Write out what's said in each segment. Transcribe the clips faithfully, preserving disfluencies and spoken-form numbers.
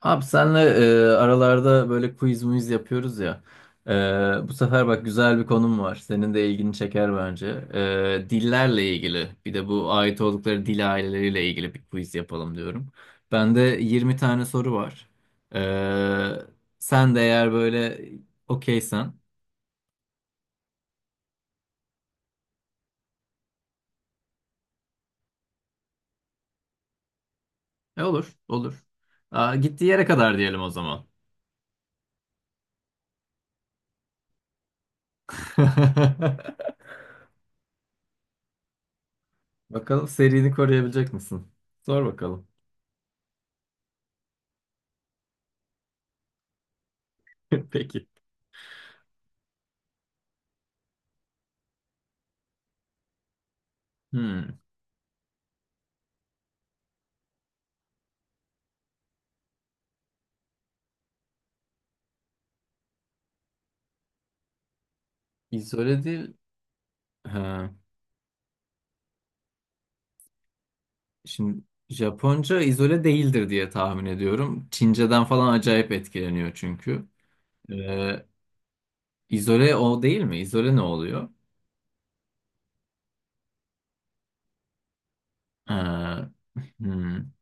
Abi senle e, aralarda böyle quiz muiz yapıyoruz ya. E, Bu sefer bak güzel bir konum var. Senin de ilgini çeker bence. E, dillerle ilgili bir de bu ait oldukları dil aileleriyle ilgili bir quiz yapalım diyorum. Bende yirmi tane soru var. E, Sen de eğer böyle okeysen. E, olur olur. Aa, gittiği yere kadar diyelim o zaman. Bakalım serini koruyabilecek misin? Sor bakalım. Peki. Hmm. İzole değil. Ha, şimdi Japonca izole değildir diye tahmin ediyorum. Çince'den falan acayip etkileniyor çünkü. Ee, izole o değil mi? İzole ne oluyor? Ha, hmm,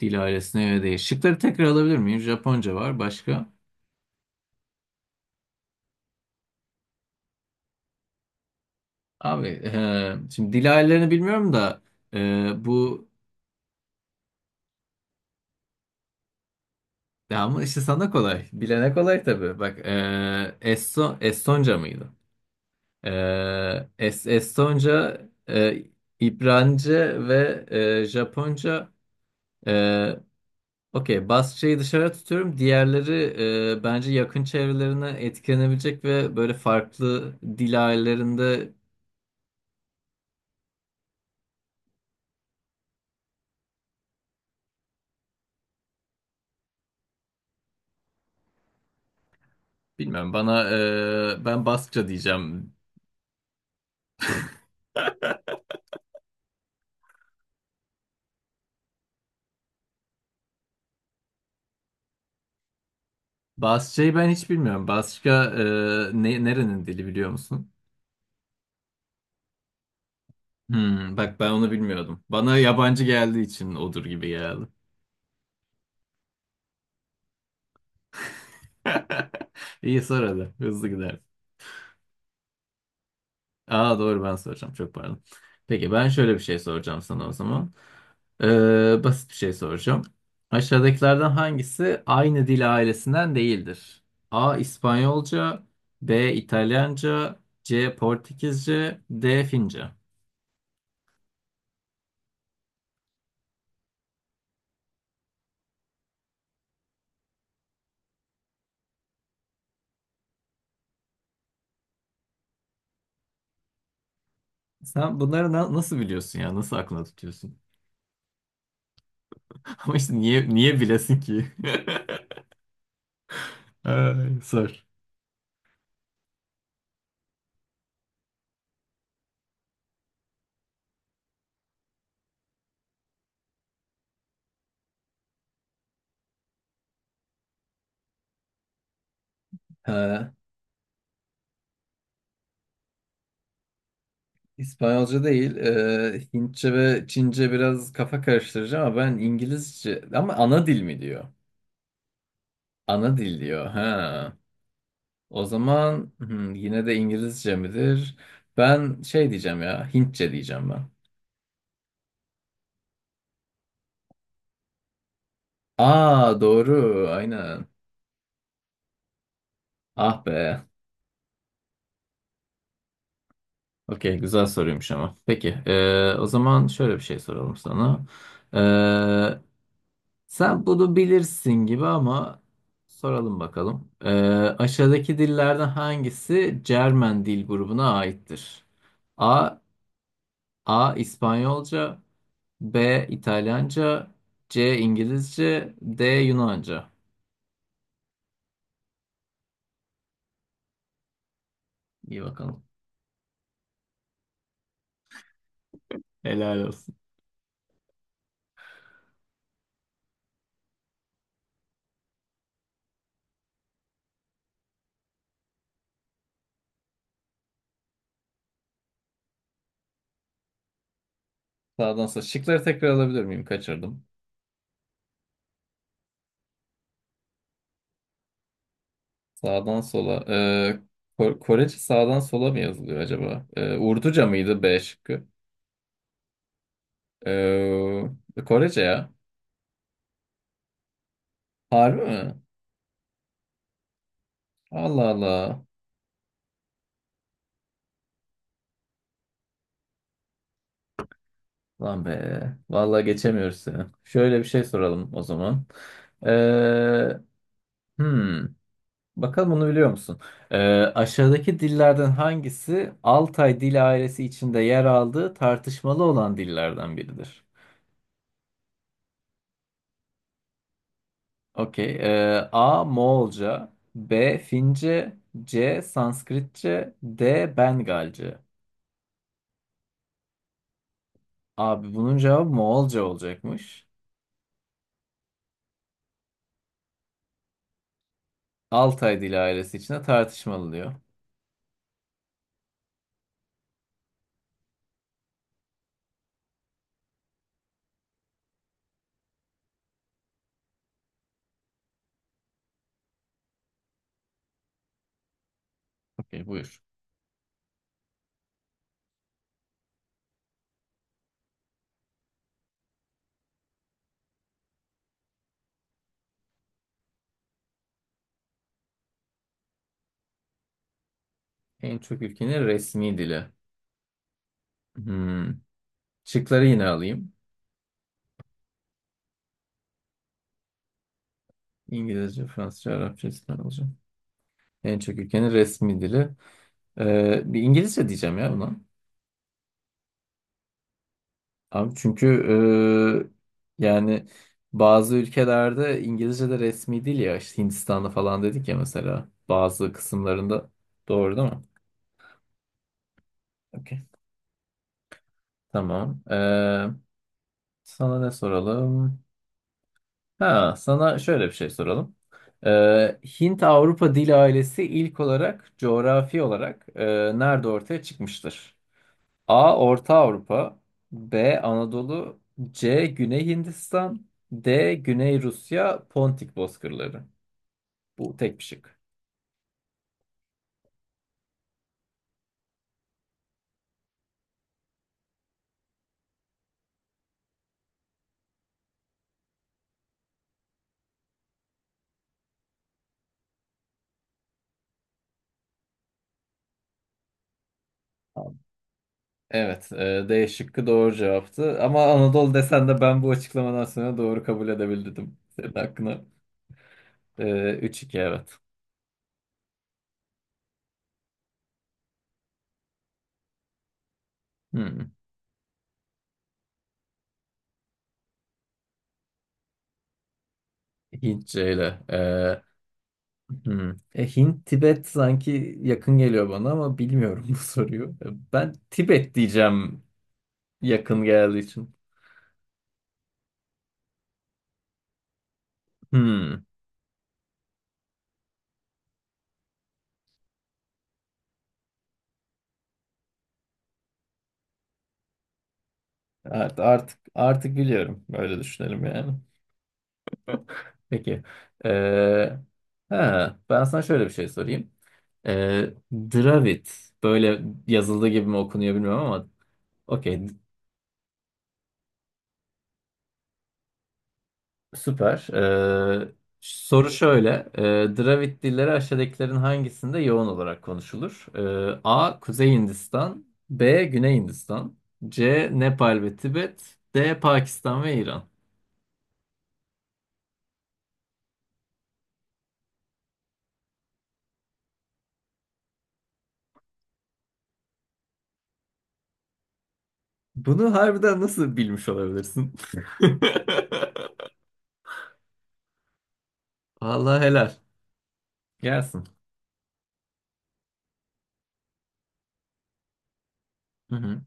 dil ailesine göre değil. Şıkları tekrar alabilir miyim? Japonca var. Başka? Abi e, şimdi dil ailelerini bilmiyorum da, e, bu ya ama işte sana kolay. Bilene kolay tabii. Bak, e, Eston, Estonca mıydı? Ee, Es- Estonca, e, İbranice ve e, Japonca. E, Okey, Basça'yı dışarı tutuyorum. Diğerleri e, bence yakın çevrelerine etkilenebilecek ve böyle farklı dil ailelerinde bilmiyorum. Bana e, ben Basça diyeceğim. Basça'yı ben hiç bilmiyorum. Basça e, ne, nerenin dili biliyor musun? Hmm, bak ben onu bilmiyordum. Bana yabancı geldiği için odur gibi geldi. İyi sor hadi. Hızlı gider. Aa doğru ben soracağım. Çok pardon. Peki ben şöyle bir şey soracağım sana o zaman. Ee, basit bir şey soracağım. Aşağıdakilerden hangisi aynı dil ailesinden değildir? A. İspanyolca. B. İtalyanca. C. Portekizce. D. Fince. Sen bunları na- nasıl biliyorsun ya? Nasıl aklına tutuyorsun? Ama işte niye niye bilesin ki? Ay, sor. Ee, İspanyolca değil, e, Hintçe ve Çince biraz kafa karıştırıcı ama ben İngilizce ama ana dil mi diyor? Ana dil diyor. Ha. O zaman hmm, yine de İngilizce midir? Ben şey diyeceğim ya, Hintçe diyeceğim ben. Aa doğru, aynen. Ah be. Okey, güzel soruymuş ama. Peki, e, o zaman şöyle bir şey soralım sana. E, Sen bunu bilirsin gibi ama soralım bakalım. E, aşağıdaki dillerden hangisi Cermen dil grubuna aittir? A. A. İspanyolca. B. İtalyanca. C. İngilizce. D. Yunanca. İyi bakalım. Helal olsun. Sağdan sonra şıkları tekrar alabilir miyim? Kaçırdım. Sağdan sola. Ee, Ko- Korece sağdan sola mı yazılıyor acaba? Ee, Urduca mıydı B şıkkı? Ee, Korece ya. Harbi mi? Allah Allah. Lan be. Vallahi geçemiyoruz seni. Şöyle bir şey soralım o zaman. Ee, hmm. Bakalım bunu biliyor musun? Ee, aşağıdaki dillerden hangisi Altay dil ailesi içinde yer aldığı tartışmalı olan dillerden biridir? Okey. Ee, A. Moğolca. B. Fince. C. Sanskritçe. D. Bengalce. Abi bunun cevabı Moğolca olacakmış. Altay dili ailesi içinde tartışmalı diyor. Okey buyur. En çok ülkenin resmi dili. Hmm. Şıkları yine alayım. İngilizce, Fransızca, Arapça, İspanyolca. En çok ülkenin resmi dili. Ee, bir İngilizce diyeceğim ya buna. Abi çünkü e, yani bazı ülkelerde İngilizce de resmi değil ya işte Hindistan'da falan dedik ya mesela bazı kısımlarında, doğru değil mi? Okey. Tamam. E, sana ne soralım? Ha, sana şöyle bir şey soralım. E, Hint-Avrupa dil ailesi ilk olarak coğrafi olarak e, nerede ortaya çıkmıştır? A. Orta Avrupa. B. Anadolu. C. Güney Hindistan. D. Güney Rusya Pontik bozkırları. Bu tek bir şık. Tamam. Evet, e, D şıkkı doğru cevaptı. Ama Anadolu desen de ben bu açıklamadan sonra doğru kabul edebildim. Senin hakkına. E, üç iki evet. Hı, Hintçeyle. Ee, hmm. E, Hint, Tibet sanki yakın geliyor bana ama bilmiyorum bu soruyu. E, Ben Tibet diyeceğim yakın geldiği için. Hmm. Evet, artık artık biliyorum. Öyle düşünelim yani. Peki. Ee, ha, ben sana şöyle bir şey sorayım. Ee, Dravid. Böyle yazıldığı gibi mi okunuyor bilmiyorum ama okey. Süper. Ee, soru şöyle. Ee, Dravid dilleri aşağıdakilerin hangisinde yoğun olarak konuşulur? Ee, A. Kuzey Hindistan. B. Güney Hindistan. C. Nepal ve Tibet. D. Pakistan ve İran. Bunu harbiden nasıl bilmiş olabilirsin? Vallahi helal. Gelsin. Hı hı.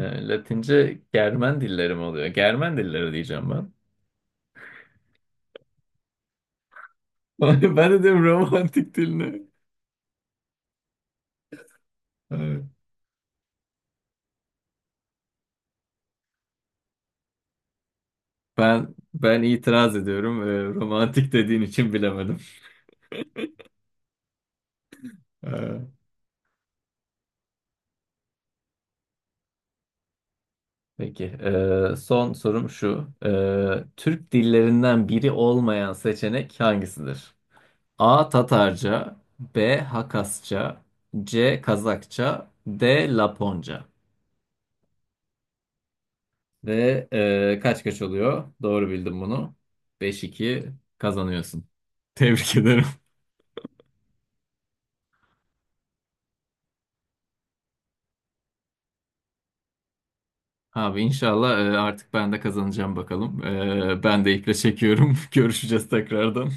Ee, Latince Germen dilleri mi oluyor? Germen dilleri diyeceğim ben. Ben de diyorum romantik diline. Evet. Ben ben itiraz ediyorum. Ee, romantik dediğin için bilemedim. Ee, Peki. Ee, son sorum şu. Ee, Türk dillerinden biri olmayan seçenek hangisidir? A. Tatarca. B. Hakasça. C. Kazakça. D. Laponca. Ve ee, kaç kaç oluyor? Doğru bildim bunu. Beş iki kazanıyorsun. Tebrik ederim. Abi inşallah e, artık ben de kazanacağım bakalım. E, Ben de iple çekiyorum. Görüşeceğiz tekrardan.